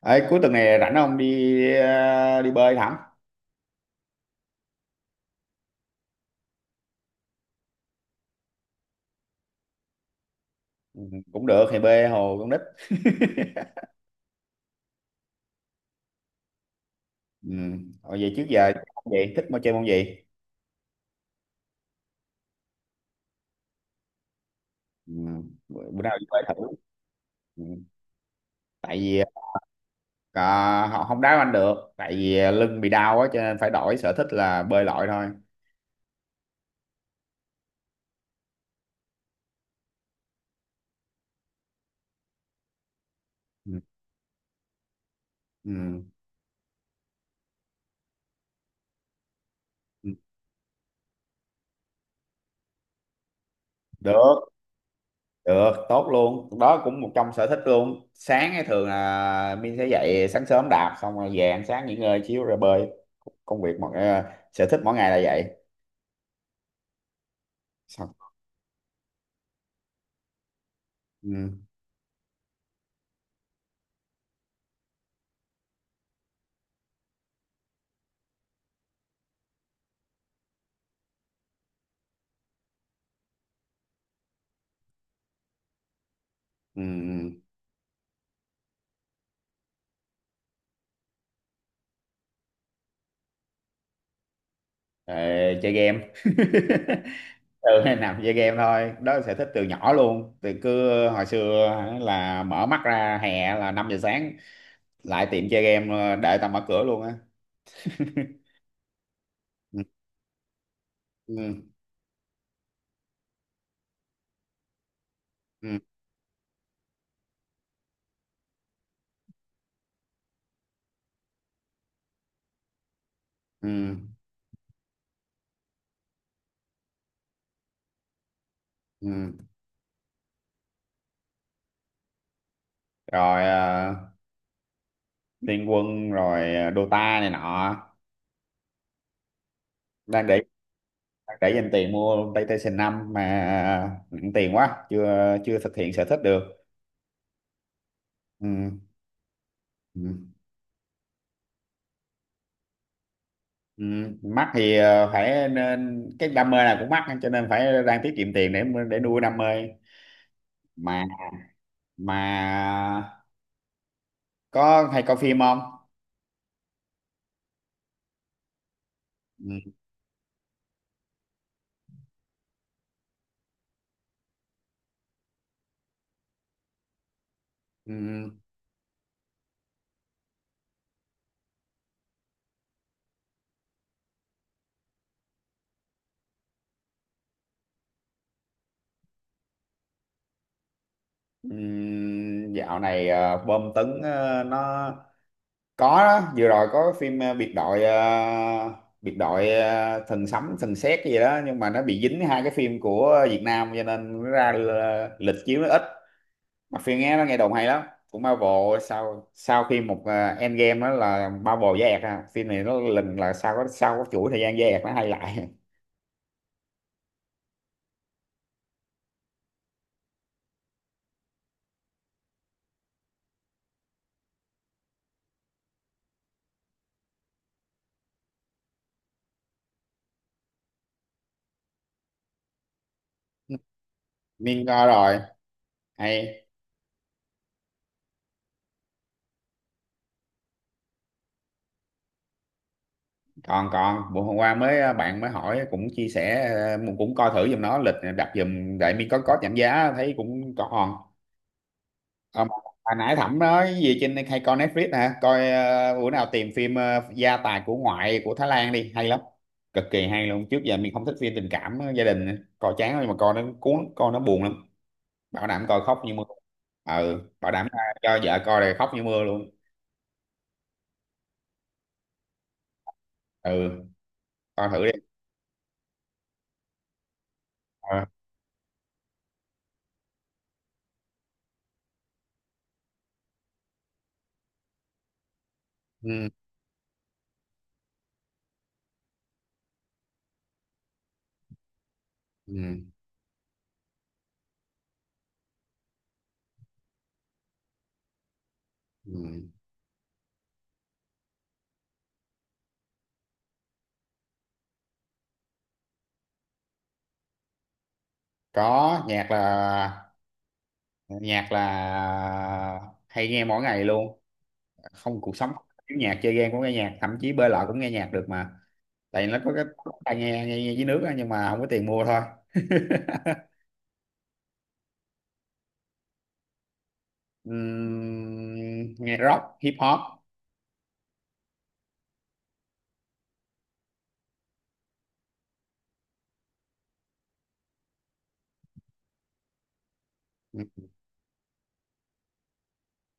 Ấy, cuối tuần này rảnh không đi bơi hả? Ừ, cũng được thì bơi hồ con nít. Ừ. Hồi vậy trước giờ môn gì thích môn chơi môn gì? Ừ. Bữa bữa nào đi bơi thử. Ừ. Tại vì họ không đá banh được, tại vì lưng bị đau á cho nên phải đổi sở thích là bơi lội thôi. Ừ. Ừ. Ừ. Được, được, tốt luôn. Đó cũng một trong sở thích luôn. Sáng ấy thường là Min sẽ dậy sáng sớm đạp xong rồi về ăn sáng nghỉ ngơi xíu rồi bơi. Công việc mọi ờ, sở thích mỗi ngày là vậy. Xong. Ừ. Ừ, ờ, chơi game ừ, nằm chơi game thôi, đó là sở thích từ nhỏ luôn, từ cứ hồi xưa hả, là mở mắt ra hè là 5 giờ sáng lại tiệm chơi game đợi tao mở cửa luôn á. Ừ, ừ, ừ, ừ, ừ. Rồi Liên Quân rồi Dota này nọ, đang để dành tiền mua PlayStation 5 mà nặng tiền quá chưa chưa thực hiện sở thích được. Ừ, ừ. Ừ, mắc thì phải, nên cái đam mê này cũng mắc cho nên phải đang tiết kiệm tiền để nuôi đam mê, mà mà có hay coi phim không? Ừ, ừ, ừ, dạo này bom tấn nó có đó. Vừa rồi có phim biệt đội thần sấm thần sét gì đó, nhưng mà nó bị dính hai cái phim của Việt Nam cho nên nó ra lịch chiếu nó ít, mà phim nghe nó nghe đồn hay lắm, cũng Marvel. Sau sau khi một Endgame đó là Marvel với ẹt à, phim này nó lình là sau có chuỗi thời gian với ẹt nó hay lại nên coi rồi, hay. Còn còn bữa hôm qua mới bạn mới hỏi cũng chia sẻ, cũng coi thử giùm nó lịch đặt giùm đại miên, có giảm giá thấy cũng còn. Ông, hồi nãy Thẩm nói gì trên, hay coi Netflix hả? Coi bữa nào tìm phim Gia tài của ngoại của Thái Lan đi, hay lắm. Cực kỳ hay luôn. Trước giờ mình không thích phim tình cảm gia đình, coi chán lắm, nhưng mà coi nó cuốn, coi nó buồn lắm. Bảo đảm coi khóc như mưa. Ừ, bảo đảm cho vợ coi là khóc như mưa luôn. Ừ, coi thử đi. Ờ. Ừ, ừ, ừ. Có nhạc là hay nghe mỗi ngày luôn. Không, cuộc sống thiếu nhạc, chơi game cũng nghe nhạc, thậm chí bơi lội cũng nghe nhạc được mà. Tại nó có cái tai nghe nghe, nghe dưới nước á, nhưng mà không có tiền mua thôi. Nghe rock hip hop.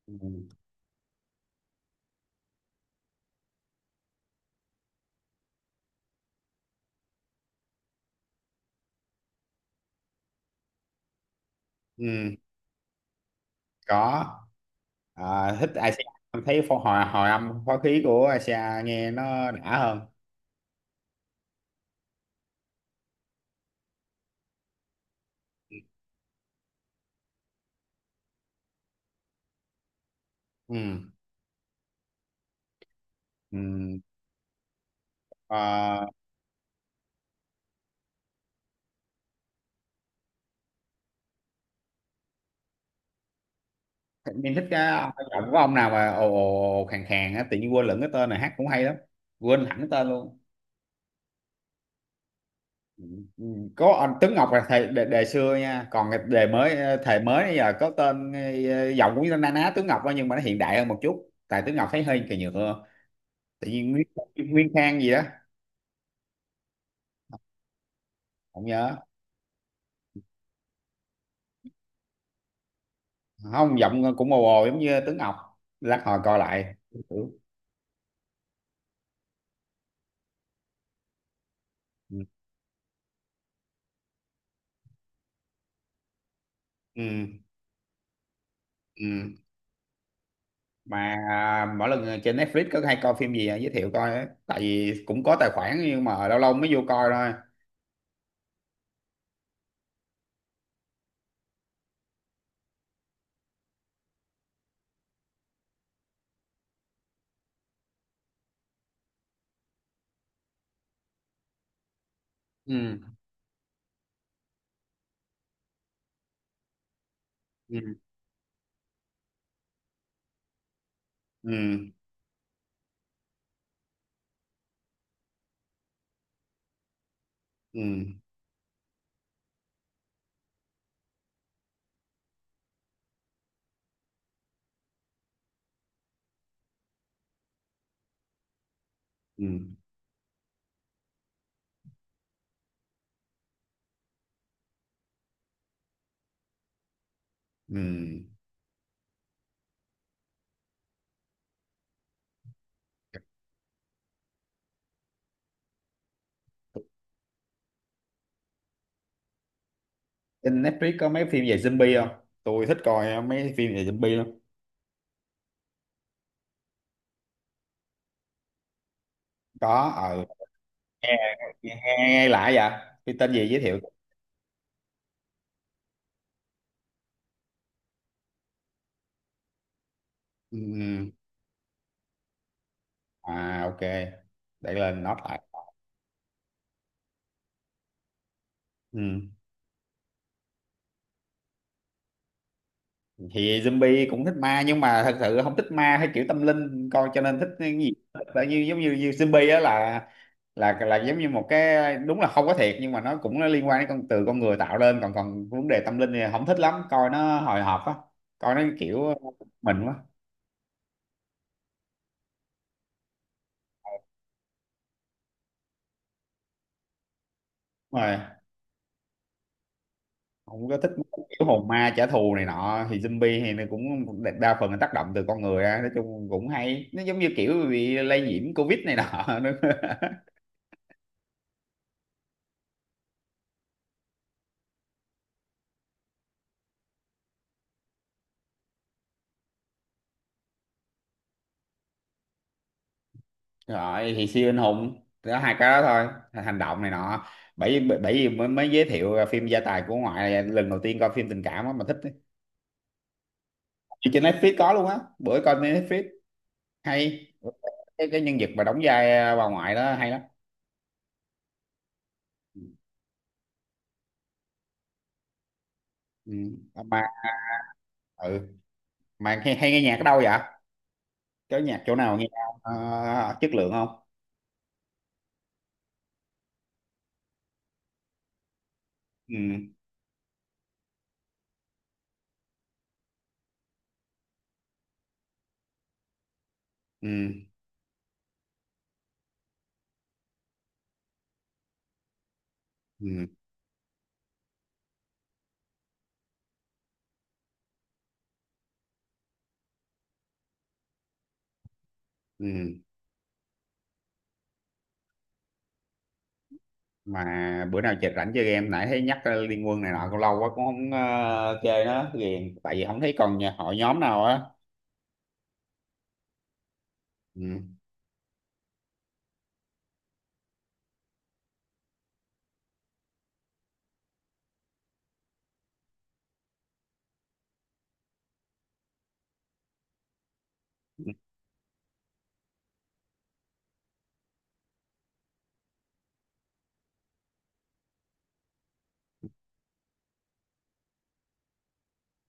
Ừm, ừm, có, à, thích Asia. Em thấy phó hòa hòa âm phó khí của Asia nghe nó đã hơn. Ừm, ừm. Ờ, em thích cái giọng của ông nào mà ồ ồ ồ, khàn khàn á, tự nhiên quên lẫn cái tên, này hát cũng hay lắm, quên hẳn cái tên luôn. Ừ, có anh Tuấn Ngọc là thầy đề xưa nha, còn cái đề mới thầy mới bây giờ có tên giọng cũng như na ná Tuấn Ngọc á, nhưng mà nó hiện đại hơn một chút, tại Tuấn Ngọc thấy hơi kỳ nhựa. Tự nhiên Nguyên Khang gì đó, không nhớ. Không, giọng cũng mồ hồ giống như Tuấn Ngọc, lát hồi coi lại. Ừ. Ừ. Ừ. Ừ. Mà mỗi lần trên Netflix có hay coi phim gì giới thiệu coi á, tại vì cũng có tài khoản nhưng mà lâu lâu mới vô coi thôi. Ừ. Ừ. Ừ. Ừ. Ừ. Ừ. Trên Netflix có mấy phim về zombie không? Tôi thích coi mấy phim về zombie lắm. Có, nghe, nghe lại vậy? Phim tên gì giới thiệu? Ừ. À, ok. Để lên note lại. Ừ. Thì zombie cũng thích, ma nhưng mà thật sự không thích, ma hay kiểu tâm linh coi, cho nên thích cái gì là như giống như zombie á, là là giống như một cái đúng là không có thiệt, nhưng mà nó cũng nó liên quan đến con, từ con người tạo lên, còn còn vấn đề tâm linh thì không thích lắm, coi nó hồi hộp á, coi nó kiểu mình quá. Đúng rồi, không có thích kiểu hồn ma trả thù này nọ, thì zombie thì nó cũng đa phần là tác động từ con người á, nói chung cũng hay, nó giống như kiểu bị lây nhiễm covid này nọ nữa. Rồi thì siêu anh hùng đó, hai cái đó thôi, hành động này nọ. Bởi bởi bởi vì mới giới thiệu phim Gia tài của ngoại là lần đầu tiên coi phim tình cảm á mà thích ấy. Thì trên Netflix có luôn á, bữa coi trên Netflix hay, cái nhân vật mà đóng vai bà ngoại đó hay lắm. Ừ. Mà ừ. Mà hay nghe nhạc ở đâu vậy, có nhạc chỗ nào nghe chất lượng không? Ừ, ừ, ừ, ừ. Mà bữa nào chị rảnh chơi game, nãy thấy nhắc Liên Quân này nọ cũng lâu quá, cũng không chơi nó ghiền, tại vì không thấy còn nhà hội nhóm nào á. Ừ,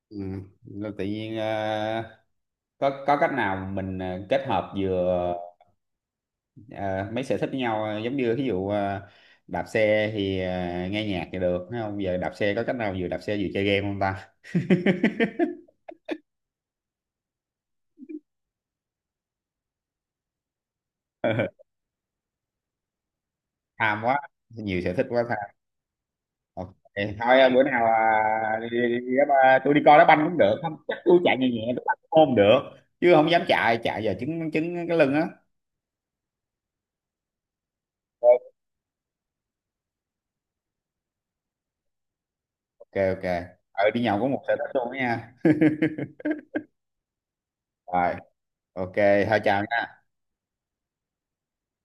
ừ. Nên tự nhiên có cách nào mình kết hợp vừa ờ, mấy sở thích với nhau, giống như ví dụ đạp xe thì nghe nhạc thì được thấy không, giờ đạp xe có cách nào vừa đạp xe vừa chơi game không ta? Tham quá, nhiều sở thích quá. Ok, thôi bữa nào à, đi, đi, đi, tôi đi coi đá banh cũng được, không chắc tôi chạy nhẹ nhẹ tôi banh cũng không được, chứ không dám chạy chạy giờ chứng chứng cái lưng á. Ok, ok, đi nhậu có một sở thích luôn đó nha. Rồi, ok, thôi chào nha.